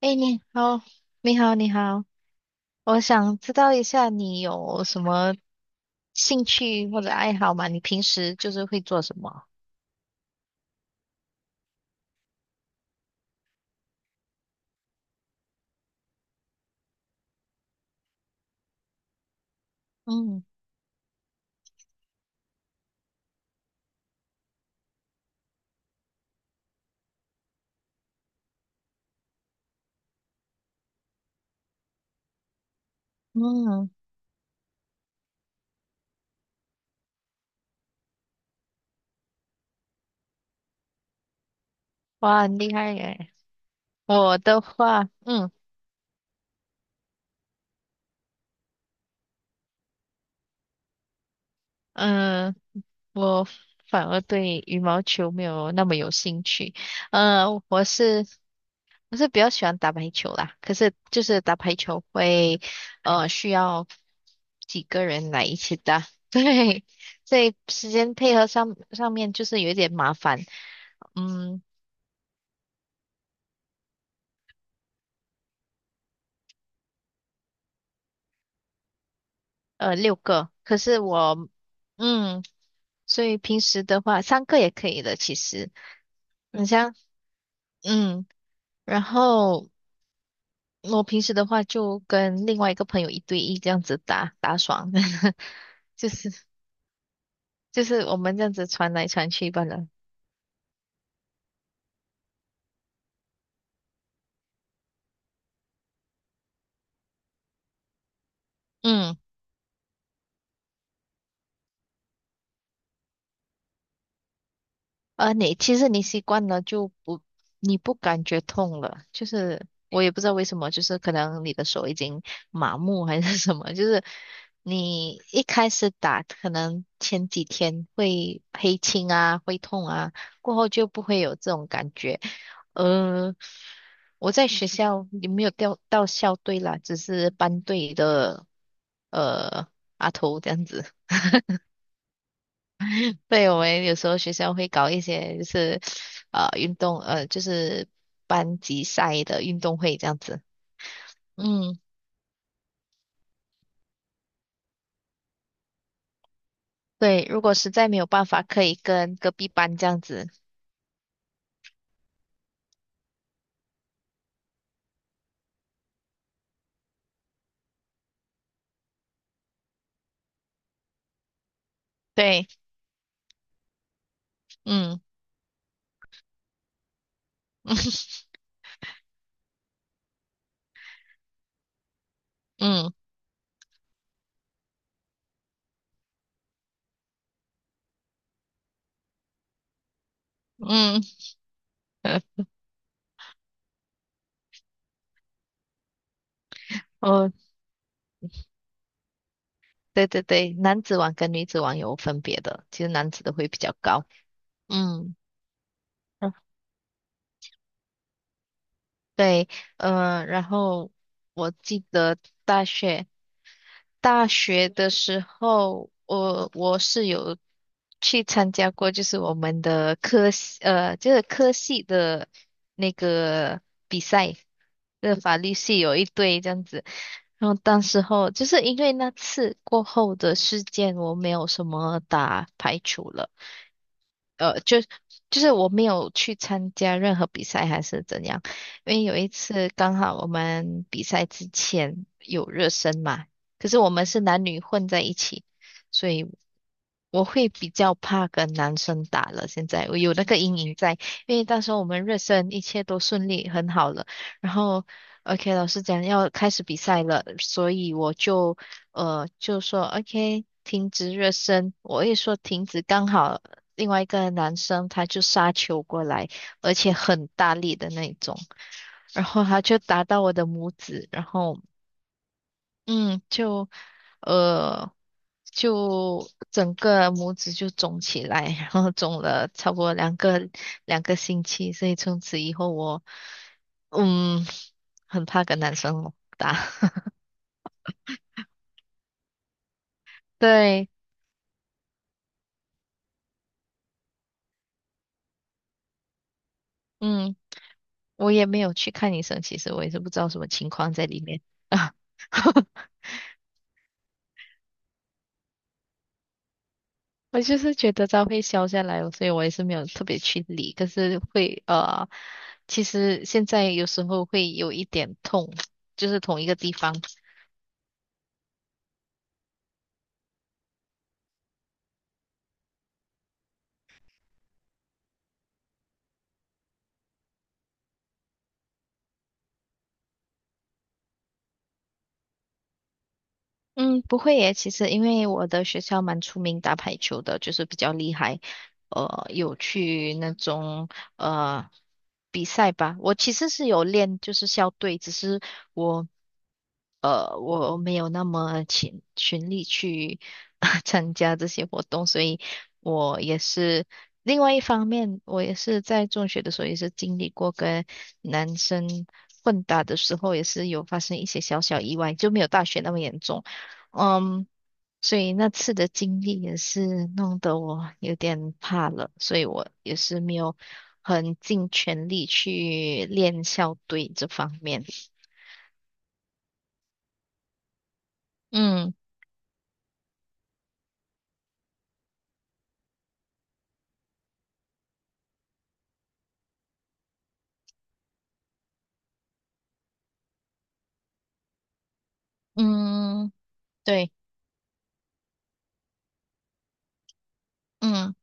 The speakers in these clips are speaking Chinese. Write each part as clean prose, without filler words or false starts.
哎，你好，你好，你好，我想知道一下你有什么兴趣或者爱好吗？你平时就是会做什么？嗯嗯，哇，很厉害耶！我的话，嗯，我反而对羽毛球没有那么有兴趣。嗯，我是比较喜欢打排球啦，可是就是打排球会，需要几个人来一起打，对，所以时间配合上上面就是有一点麻烦，嗯，六个，可是我，嗯，所以平时的话三个也可以的，其实你像，嗯，然后我平时的话就跟另外一个朋友一对一这样子打打爽，就是就是我们这样子传来传去罢了，嗯。你其实你习惯了就不，你不感觉痛了，就是我也不知道为什么，就是可能你的手已经麻木还是什么，就是你一开始打，可能前几天会黑青啊，会痛啊，过后就不会有这种感觉。呃，我在学校也没有调到校队啦，只是班队的呃阿头这样子。对，我们有时候学校会搞一些就是运动就是班级赛的运动会这样子。嗯，对，如果实在没有办法，可以跟隔壁班这样子。对，嗯 嗯嗯，哦，对对对，男子网跟女子网有分别的，其实男子的会比较高。嗯，嗯对，然后我记得大学。大学的时候，我是有去参加过，就是我们的科系，就是科系的那个比赛，那法律系有一队这样子。然后当时候就是因为那次过后的事件，我没有什么打排除了。呃，就就是我没有去参加任何比赛还是怎样，因为有一次刚好我们比赛之前有热身嘛，可是我们是男女混在一起，所以我会比较怕跟男生打了。现在我有那个阴影在，因为到时候我们热身一切都顺利很好了，然后 OK 老师讲要开始比赛了，所以我就。就说 OK，停止热身。我一说停止，刚好另外一个男生他就杀球过来，而且很大力的那种，然后他就打到我的拇指，然后嗯，就呃就整个拇指就肿起来，然后肿了超过两个星期，所以从此以后我嗯很怕跟男生打，对，嗯，我也没有去看医生，其实我也是不知道什么情况在里面啊。我就是觉得它会消下来哦，所以我也是没有特别去理。可是会其实现在有时候会有一点痛，就是同一个地方。嗯，不会耶。其实因为我的学校蛮出名打排球的，就是比较厉害，有去那种呃比赛吧。我其实是有练，就是校队，只是我我没有那么勤勤力去 参加这些活动，所以我也是另外一方面，我也是在中学的时候也是经历过跟男生混打的时候，也是有发生一些小小意外，就没有大学那么严重。嗯，所以那次的经历也是弄得我有点怕了，所以我也是没有很尽全力去练校队这方面。嗯嗯，对，嗯，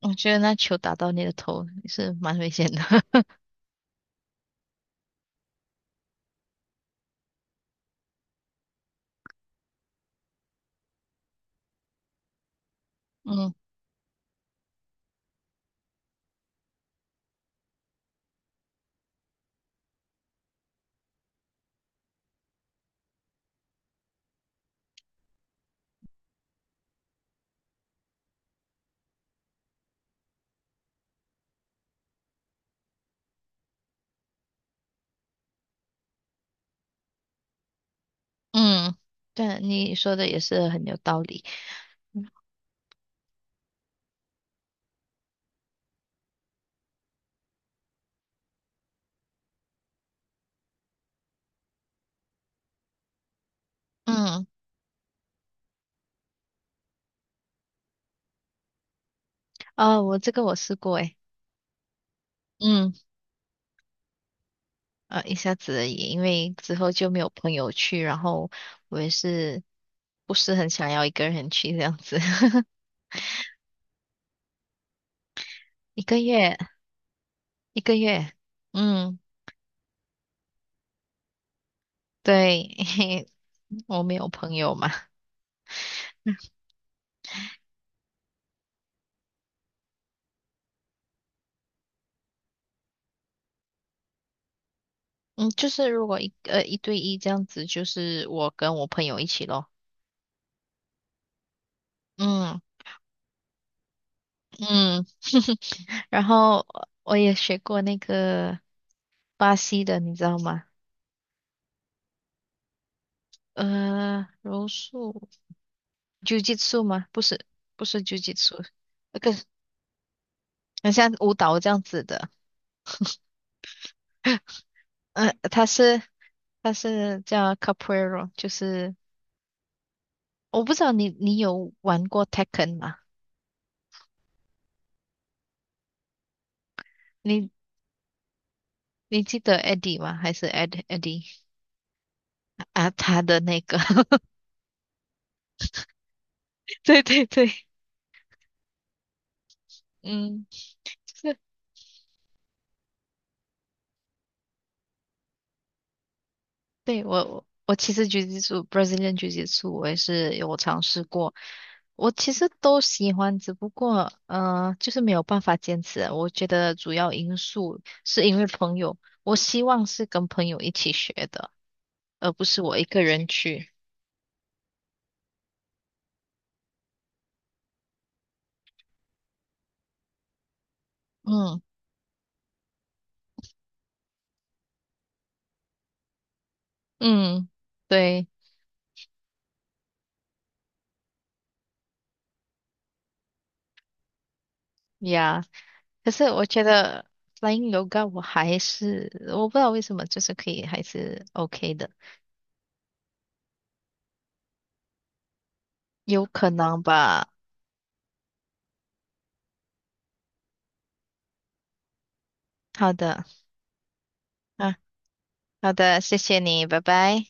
我觉得那球打到你的头也是蛮危险的。嗯嗯，对，你说的也是很有道理。嗯，啊，我这个我试过诶。嗯，一下子而已，因为之后就没有朋友去，然后我也是不是很想要一个人去这样子，一个月，一个月，嗯，对，我没有朋友嘛，嗯，就是如果一对一这样子，就是我跟我朋友一起咯，嗯嗯，然后我也学过那个巴西的，你知道吗？柔术，Jiu-Jitsu 吗？不是，不是 Jiu-Jitsu，那个很像舞蹈这样子的。呃，他是他是叫 Capoeira，就是我不知道你有玩过 Tekken 吗？你你记得 Eddie 吗？还是 Eddie 啊？他的那个，对对对，嗯，是，对，我其实狙击术 Brazilian 狙击术我也是有尝试过，我其实都喜欢，只不过就是没有办法坚持啊。我觉得主要因素是因为朋友，我希望是跟朋友一起学的，而不是我一个人去。嗯嗯，对呀。可是我觉得 Flying Yoga 我还是我不知道为什么，就是可以还是 OK 的，有可能吧。好的，啊，好的，谢谢你，拜拜。